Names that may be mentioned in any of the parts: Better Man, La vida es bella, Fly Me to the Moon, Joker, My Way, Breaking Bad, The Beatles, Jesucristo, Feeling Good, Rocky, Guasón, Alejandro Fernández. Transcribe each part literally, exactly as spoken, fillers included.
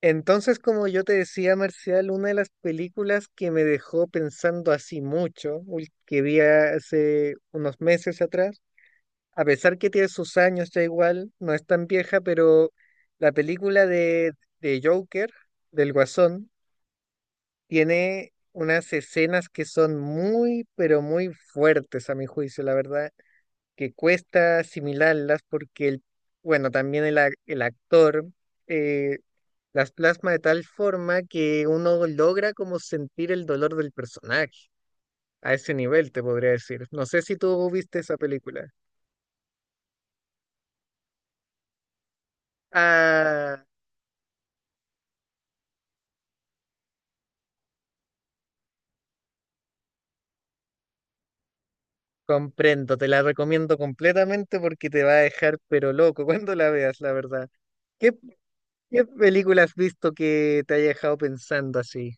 Entonces, como yo te decía, Marcial, una de las películas que me dejó pensando así mucho, ul- que vi hace unos meses atrás, a pesar que tiene sus años ya igual, no es tan vieja, pero la película de, de Joker, del Guasón, tiene unas escenas que son muy, pero muy fuertes a mi juicio, la verdad, que cuesta asimilarlas porque, el, bueno, también el, ac- el actor... eh, las plasma de tal forma que uno logra como sentir el dolor del personaje. A ese nivel te podría decir. No sé si tú viste esa película. Ah, comprendo, te la recomiendo completamente porque te va a dejar pero loco cuando la veas, la verdad. ¿Qué, ¿qué película has visto que te haya dejado pensando así?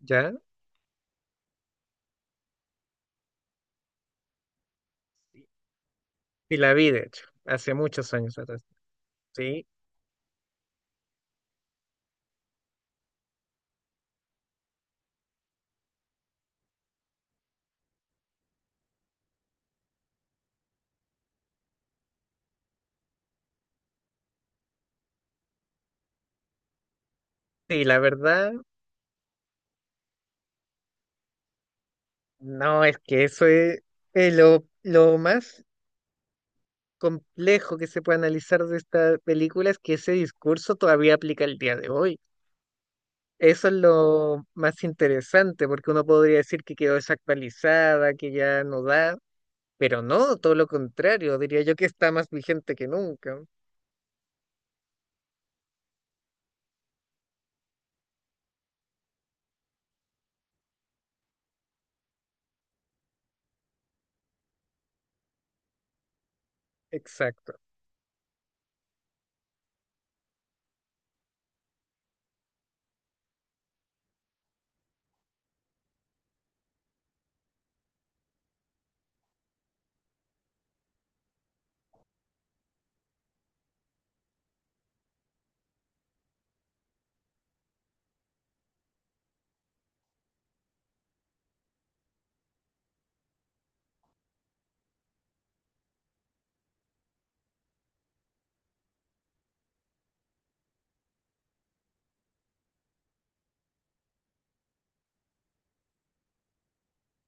¿Ya? Sí la vi, de hecho, hace muchos años atrás. Sí, sí, la verdad, no, es que eso es, es lo, lo más complejo que se puede analizar de esta película es que ese discurso todavía aplica el día de hoy. Eso es lo más interesante, porque uno podría decir que quedó desactualizada, que ya no da, pero no, todo lo contrario, diría yo que está más vigente que nunca. Exacto.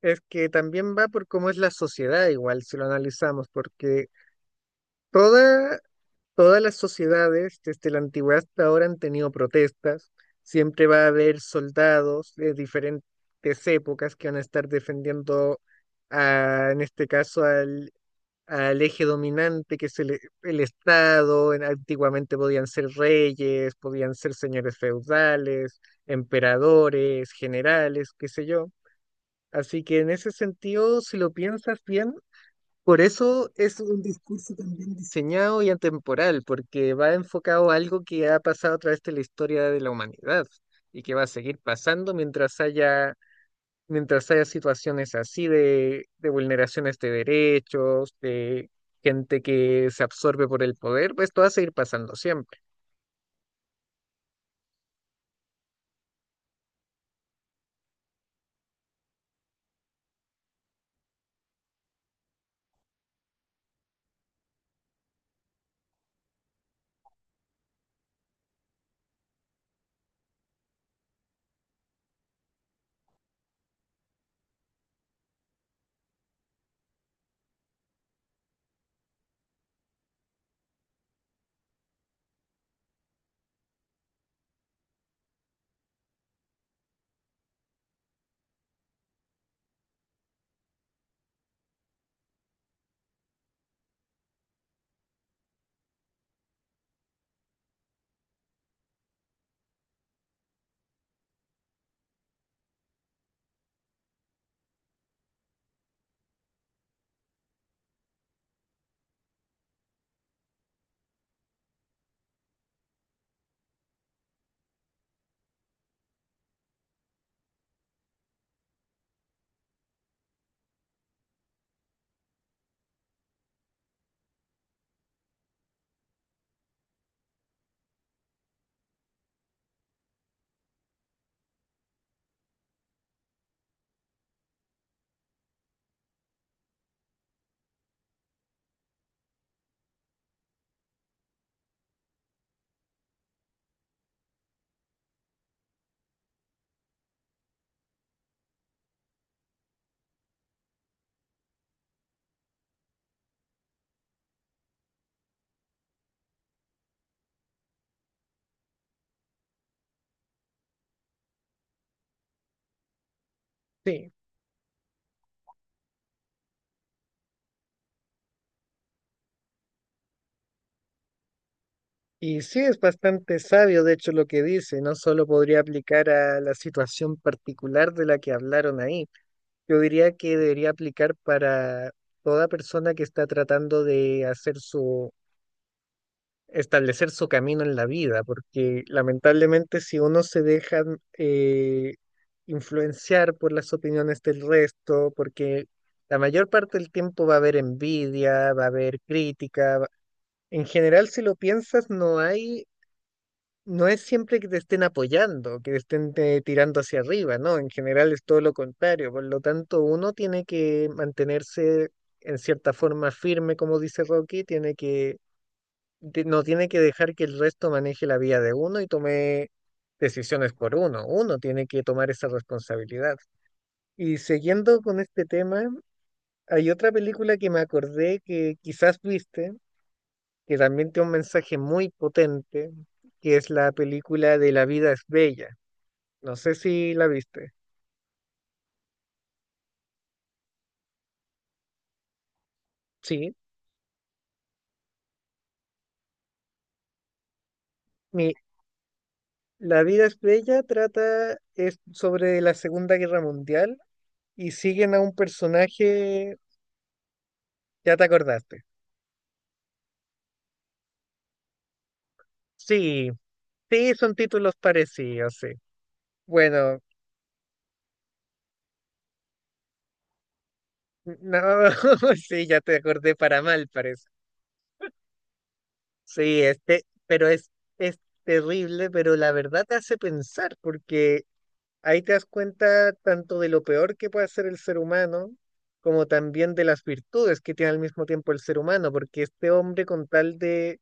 Es que también va por cómo es la sociedad igual, si lo analizamos, porque toda todas las sociedades, desde la antigüedad hasta ahora, han tenido protestas. Siempre va a haber soldados de diferentes épocas que van a estar defendiendo, a- en este caso, al, al eje dominante, que es el, el Estado. En- Antiguamente podían ser reyes, podían ser señores feudales, emperadores, generales, qué sé yo. Así que en ese sentido, si lo piensas bien, por eso es un discurso también diseñado y atemporal, porque va enfocado a algo que ha pasado a través de la historia de la humanidad y que va a seguir pasando mientras haya, mientras haya situaciones así de, de vulneraciones de derechos, de gente que se absorbe por el poder, pues esto va a seguir pasando siempre. Sí. Y sí, es bastante sabio, de hecho, lo que dice, no solo podría aplicar a la situación particular de la que hablaron ahí. Yo diría que debería aplicar para toda persona que está tratando de hacer su, establecer su camino en la vida, porque lamentablemente si uno se deja eh, influenciar por las opiniones del resto, porque la mayor parte del tiempo va a haber envidia, va a haber crítica, va- en general si lo piensas no hay no es siempre que te estén apoyando, que te estén eh, tirando hacia arriba, ¿no? En general es todo lo contrario. Por lo tanto, uno tiene que mantenerse en cierta forma firme, como dice Rocky, tiene que, de- no tiene que dejar que el resto maneje la vida de uno y tome decisiones por uno. Uno tiene que tomar esa responsabilidad. Y siguiendo con este tema, hay otra película que me acordé que quizás viste, que también tiene un mensaje muy potente, que es la película de La vida es bella. No sé si la viste. Sí. Mi, La vida es bella trata es sobre la Segunda Guerra Mundial y siguen a un personaje, ya te acordaste. Sí, sí, son títulos parecidos, sí. Bueno, no, sí, ya te acordé para mal, parece. Sí, este, pero es, es terrible, pero la verdad te hace pensar, porque ahí te das cuenta tanto de lo peor que puede ser el ser humano, como también de las virtudes que tiene al mismo tiempo el ser humano, porque este hombre con tal de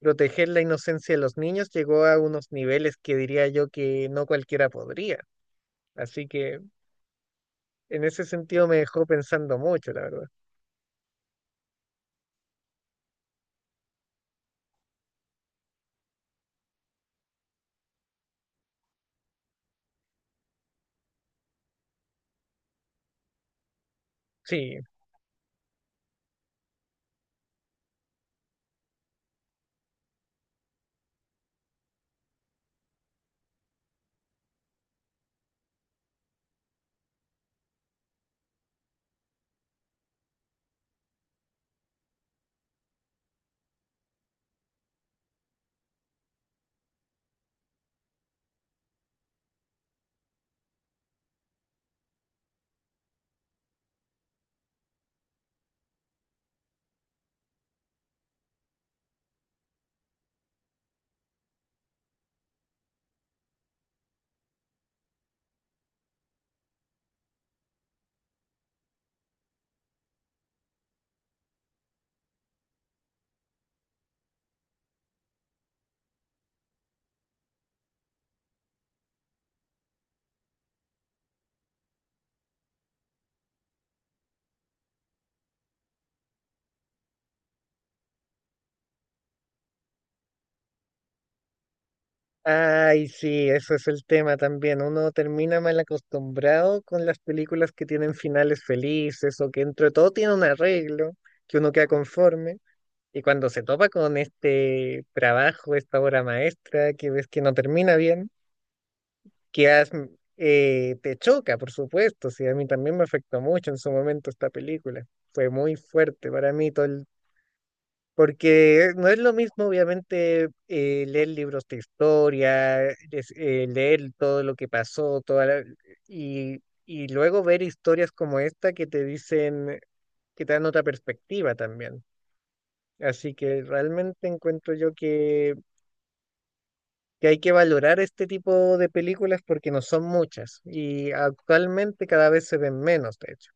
proteger la inocencia de los niños llegó a unos niveles que diría yo que no cualquiera podría. Así que en ese sentido me dejó pensando mucho, la verdad. Sí. Ay, sí, eso es el tema también. Uno termina mal acostumbrado con las películas que tienen finales felices o que entre todo tienen un arreglo, que uno queda conforme. Y cuando se topa con este trabajo, esta obra maestra, que ves que no termina bien, que has- eh, te choca, por supuesto. Sí, a mí también me afectó mucho en su momento esta película. Fue muy fuerte para mí todo el- porque no es lo mismo, obviamente, eh, leer libros de historia, es- eh, leer todo lo que pasó, toda la- y, y luego ver historias como esta que te dicen, que te dan otra perspectiva también. Así que realmente encuentro yo que que hay que valorar este tipo de películas porque no son muchas y actualmente cada vez se ven menos, de hecho.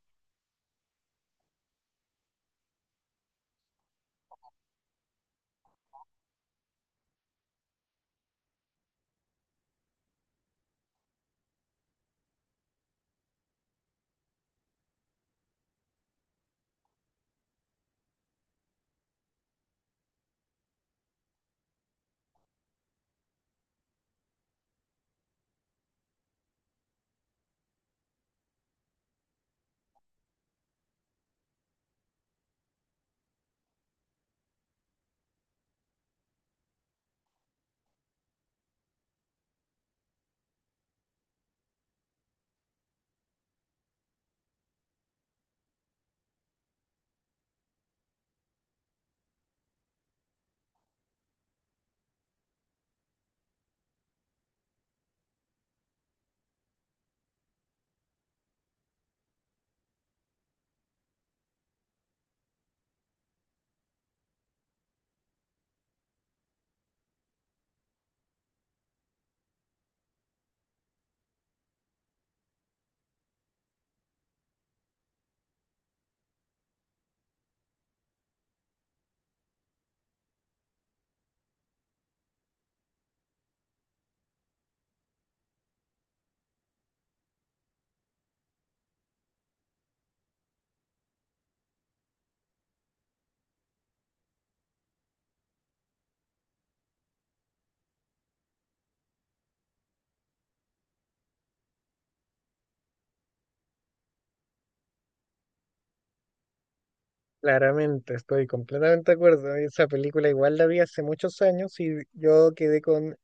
Claramente, estoy completamente de acuerdo. Esa película igual la vi hace muchos años y yo quedé con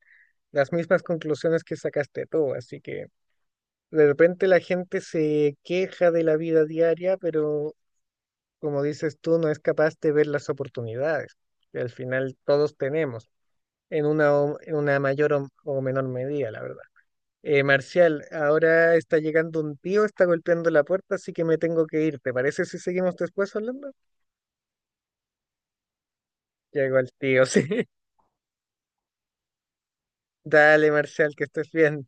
las mismas conclusiones que sacaste tú, así que de repente la gente se queja de la vida diaria, pero como dices tú, no es capaz de ver las oportunidades que al final todos tenemos en una, o- en una mayor o o menor medida, la verdad. Eh, Marcial, ahora está llegando un tío, está golpeando la puerta, así que me tengo que ir. ¿Te parece si seguimos después hablando? Llegó el tío, sí. Dale, Marcial, que estés bien.